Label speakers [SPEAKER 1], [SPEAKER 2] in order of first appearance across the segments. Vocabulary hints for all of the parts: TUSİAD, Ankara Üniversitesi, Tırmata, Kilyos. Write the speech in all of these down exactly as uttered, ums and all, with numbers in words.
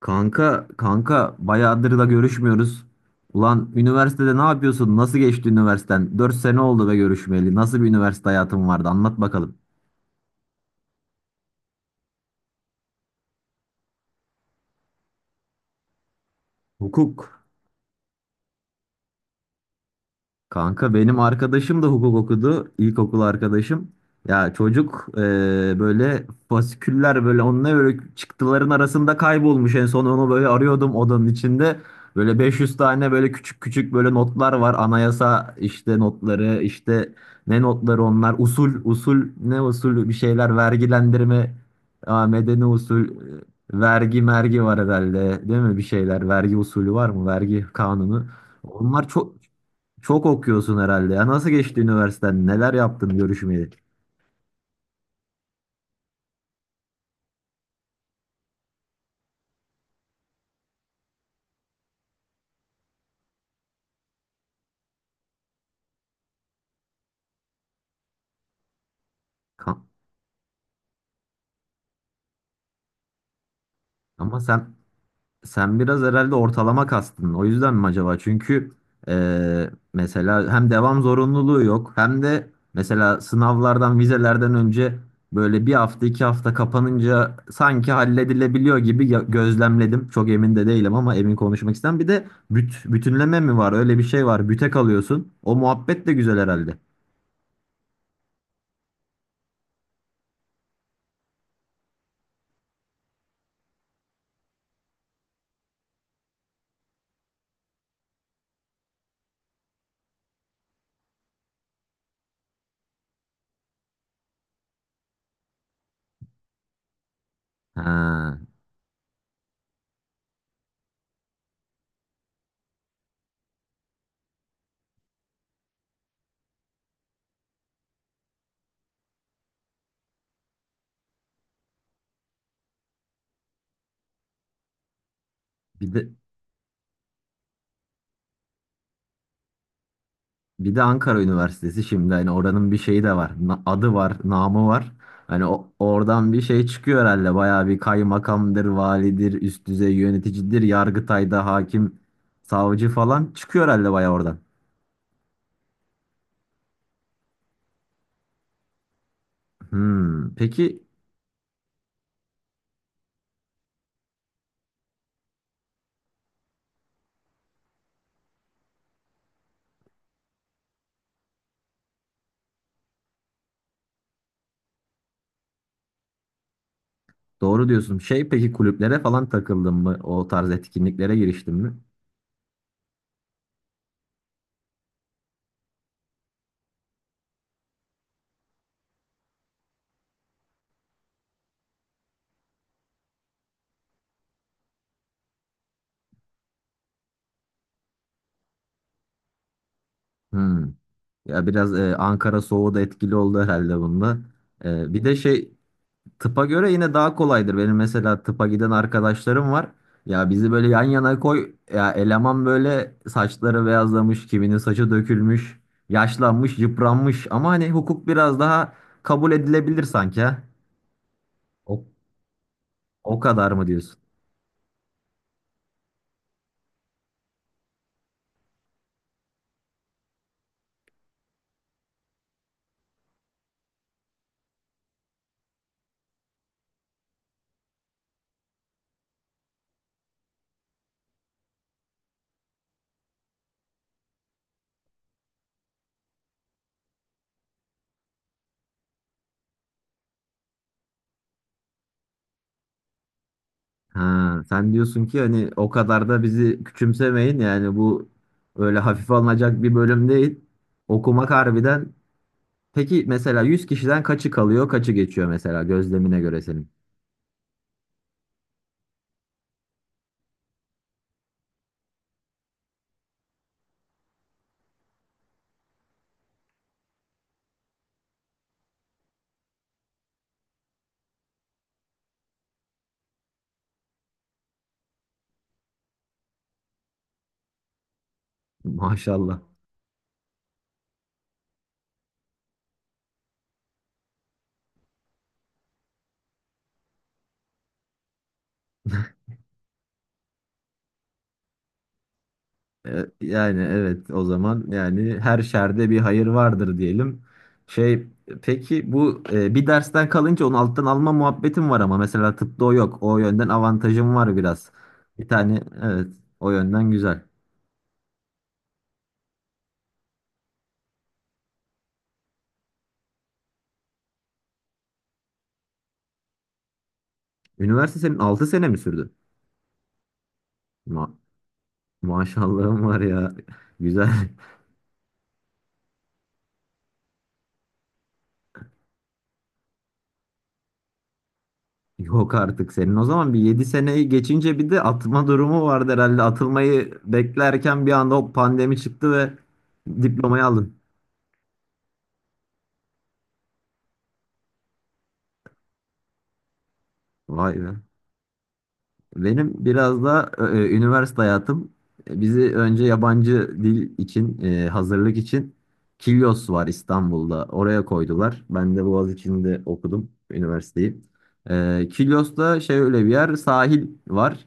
[SPEAKER 1] Kanka, kanka bayağıdır da görüşmüyoruz. Ulan üniversitede ne yapıyorsun? Nasıl geçti üniversiten? Dört sene oldu be görüşmeyeli. Nasıl bir üniversite hayatın vardı? Anlat bakalım. Hukuk. Kanka benim arkadaşım da hukuk okudu. İlkokul arkadaşım. Ya çocuk e, böyle fasiküller böyle onunla böyle çıktıların arasında kaybolmuş. En son onu böyle arıyordum odanın içinde. Böyle beş yüz tane böyle küçük küçük böyle notlar var. Anayasa işte notları işte ne notları onlar? Usul usul ne usul bir şeyler vergilendirme. Aa, medeni usul, e, vergi mergi var herhalde, değil mi, bir şeyler vergi usulü var mı, vergi kanunu? Onlar çok çok okuyorsun herhalde. Ya nasıl geçti üniversiteden? Neler yaptın görüşmeyeli? Ka- Ama sen sen biraz herhalde ortalama kastın. O yüzden mi acaba? Çünkü eee, mesela hem devam zorunluluğu yok hem de mesela sınavlardan, vizelerden önce böyle bir hafta iki hafta kapanınca sanki halledilebiliyor gibi ya- gözlemledim. Çok emin de değilim ama emin konuşmak istem. Bir de büt, bütünleme mi var? Öyle bir şey var. Büte kalıyorsun. O muhabbet de güzel herhalde. Ha, bir de Bir de Ankara Üniversitesi şimdi hani oranın bir şeyi de var. Na- adı var, namı var. Hani o- oradan bir şey çıkıyor herhalde. Bayağı bir kaymakamdır, validir, üst düzey yöneticidir, Yargıtay'da hakim, savcı falan çıkıyor herhalde bayağı oradan. Hmm, peki, doğru diyorsun. Şey, peki, kulüplere falan takıldın mı? O tarz etkinliklere giriştin mi? Hmm. Ya biraz e, Ankara soğuğu da etkili oldu herhalde bunda. E, bir de şey tıpa göre yine daha kolaydır. Benim mesela tıpa giden arkadaşlarım var. Ya bizi böyle yan yana koy. Ya eleman böyle saçları beyazlamış, kiminin saçı dökülmüş, yaşlanmış, yıpranmış. Ama hani hukuk biraz daha kabul edilebilir sanki ha. O, o kadar mı diyorsun? Ha, sen diyorsun ki hani o kadar da bizi küçümsemeyin. Yani bu öyle hafife alınacak bir bölüm değil. Okumak harbiden. Peki mesela yüz kişiden kaçı kalıyor, kaçı geçiyor mesela gözlemine göre senin? Maşallah. E, Yani evet o zaman yani her şerde bir hayır vardır diyelim. Şey, peki bu, e, bir dersten kalınca onu alttan alma muhabbetim var ama mesela tıpta o yok. O yönden avantajım var biraz. Bir tane evet, o yönden güzel. Üniversite senin altı sene mi sürdü? Ma Maşallahım var ya. Güzel. Yok artık senin. O zaman bir yedi seneyi geçince bir de atma durumu vardı herhalde. Atılmayı beklerken bir anda o pandemi çıktı ve diplomayı aldın. Vay be. Benim biraz da e, e, üniversite hayatım, e, bizi önce yabancı dil için, e, hazırlık için Kilyos var İstanbul'da. Oraya koydular. Ben de Boğaziçi'nde okudum üniversiteyi. E, Kilyos'ta şey, öyle bir yer, sahil var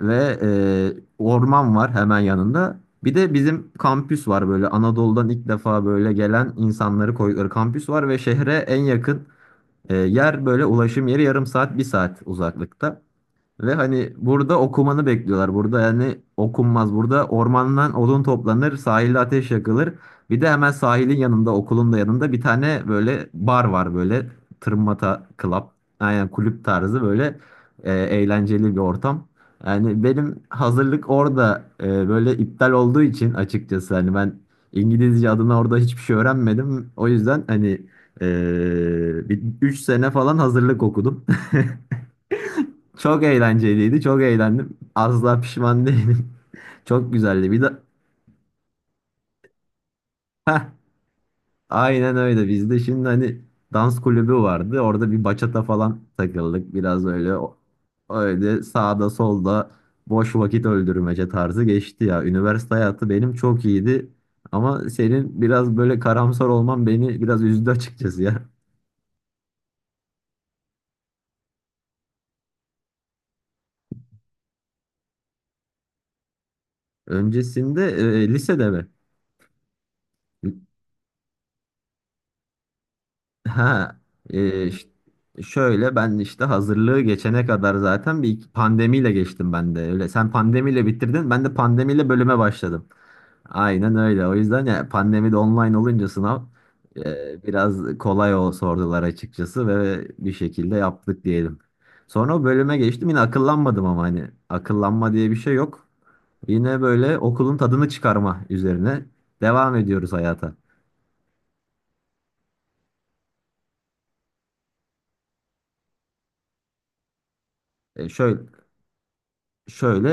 [SPEAKER 1] ve e, orman var hemen yanında. Bir de bizim kampüs var böyle, Anadolu'dan ilk defa böyle gelen insanları koydukları kampüs var ve şehre en yakın e, yer böyle, ulaşım yeri yarım saat bir saat uzaklıkta. Ve hani burada okumanı bekliyorlar. Burada yani okunmaz. Burada ormandan odun toplanır, sahilde ateş yakılır. Bir de hemen sahilin yanında, okulun da yanında bir tane böyle bar var böyle. Tırmata Club. Aynen kulüp tarzı böyle, e, eğlenceli bir ortam. Yani benim hazırlık orada e, böyle iptal olduğu için, açıkçası hani ben İngilizce adına orada hiçbir şey öğrenmedim. O yüzden hani e, bir üç sene falan hazırlık okudum. Çok eğlenceliydi. Çok eğlendim. Asla pişman değilim. Çok güzeldi. Bir de heh, aynen öyle. Bizde şimdi hani dans kulübü vardı. Orada bir bachata falan takıldık. Biraz öyle o- öyle sağda solda boş vakit öldürmece tarzı geçti ya. Üniversite hayatı benim çok iyiydi. Ama senin biraz böyle karamsar olman beni biraz üzdü açıkçası ya. Öncesinde, e, lisede mi? Ha, e, ş- şöyle ben işte hazırlığı geçene kadar zaten bir iki- pandemiyle geçtim ben de öyle. Sen pandemiyle bitirdin, ben de pandemiyle bölüme başladım. Aynen öyle. O yüzden ya pandemide online olunca sınav, e, biraz kolay o sordular açıkçası ve bir şekilde yaptık diyelim. Sonra o bölüme geçtim. Yine akıllanmadım ama hani akıllanma diye bir şey yok. Yine böyle okulun tadını çıkarma üzerine devam ediyoruz hayata. E, şöyle Şöyle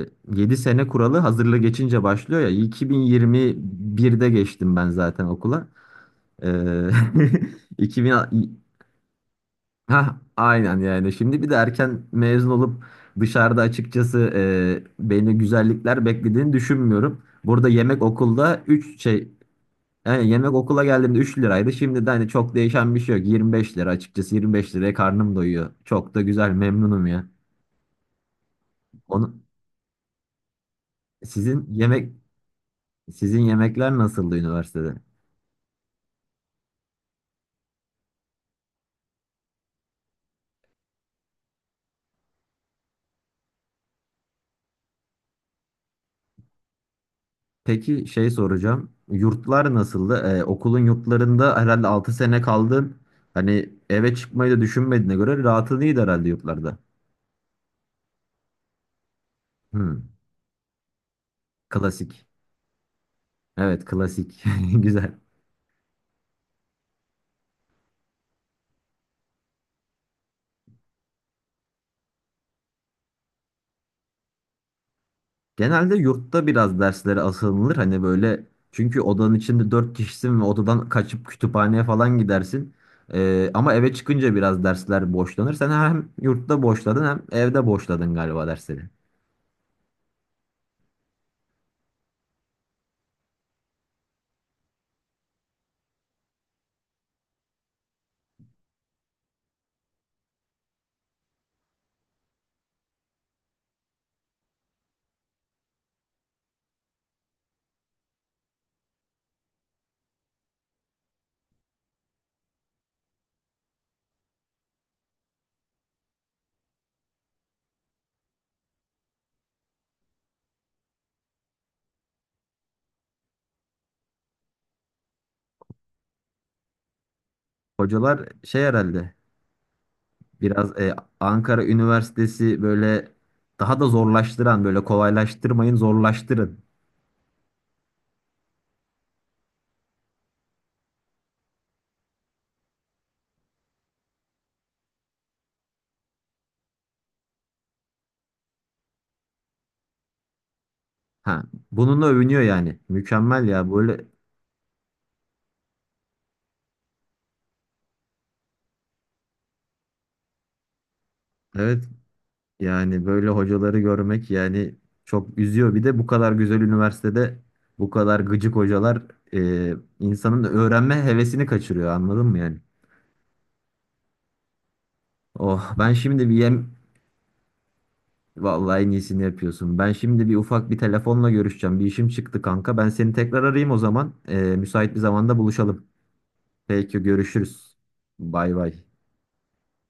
[SPEAKER 1] e, yedi sene kuralı hazırlığı geçince başlıyor ya, iki bin yirmi birde geçtim ben zaten okula. E, iki bin ha aynen, yani şimdi bir de erken mezun olup dışarıda açıkçası e, beni güzellikler beklediğini düşünmüyorum. Burada yemek okulda üç şey yani yemek okula geldiğimde üç liraydı. Şimdi de hani çok değişen bir şey yok. yirmi beş lira açıkçası, yirmi beş liraya karnım doyuyor. Çok da güzel, memnunum ya. Onu sizin yemek Sizin yemekler nasıldı üniversitede? Peki şey soracağım. Yurtlar nasıldı? Ee, okulun yurtlarında herhalde altı sene kaldın. Hani eve çıkmayı da düşünmediğine göre rahatın iyiydi herhalde yurtlarda. Hmm, klasik. Evet klasik. Güzel. Genelde yurtta biraz derslere asılınır. Hani böyle, çünkü odanın içinde dört kişisin ve odadan kaçıp kütüphaneye falan gidersin. Ee, ama eve çıkınca biraz dersler boşlanır. Sen hem yurtta boşladın hem evde boşladın galiba dersleri. Hocalar şey herhalde, biraz e, Ankara Üniversitesi böyle daha da zorlaştıran, böyle kolaylaştırmayın zorlaştırın. Ha, bununla övünüyor yani. Mükemmel ya böyle. Evet, yani böyle hocaları görmek yani çok üzüyor. Bir de bu kadar güzel üniversitede bu kadar gıcık hocalar, e, insanın öğrenme hevesini kaçırıyor, anladın mı yani? Oh, ben şimdi bir yem, vallahi en iyisini yapıyorsun. Ben şimdi bir ufak bir telefonla görüşeceğim. Bir işim çıktı kanka. Ben seni tekrar arayayım o zaman. Ee, müsait bir zamanda buluşalım. Peki görüşürüz. Bay bay.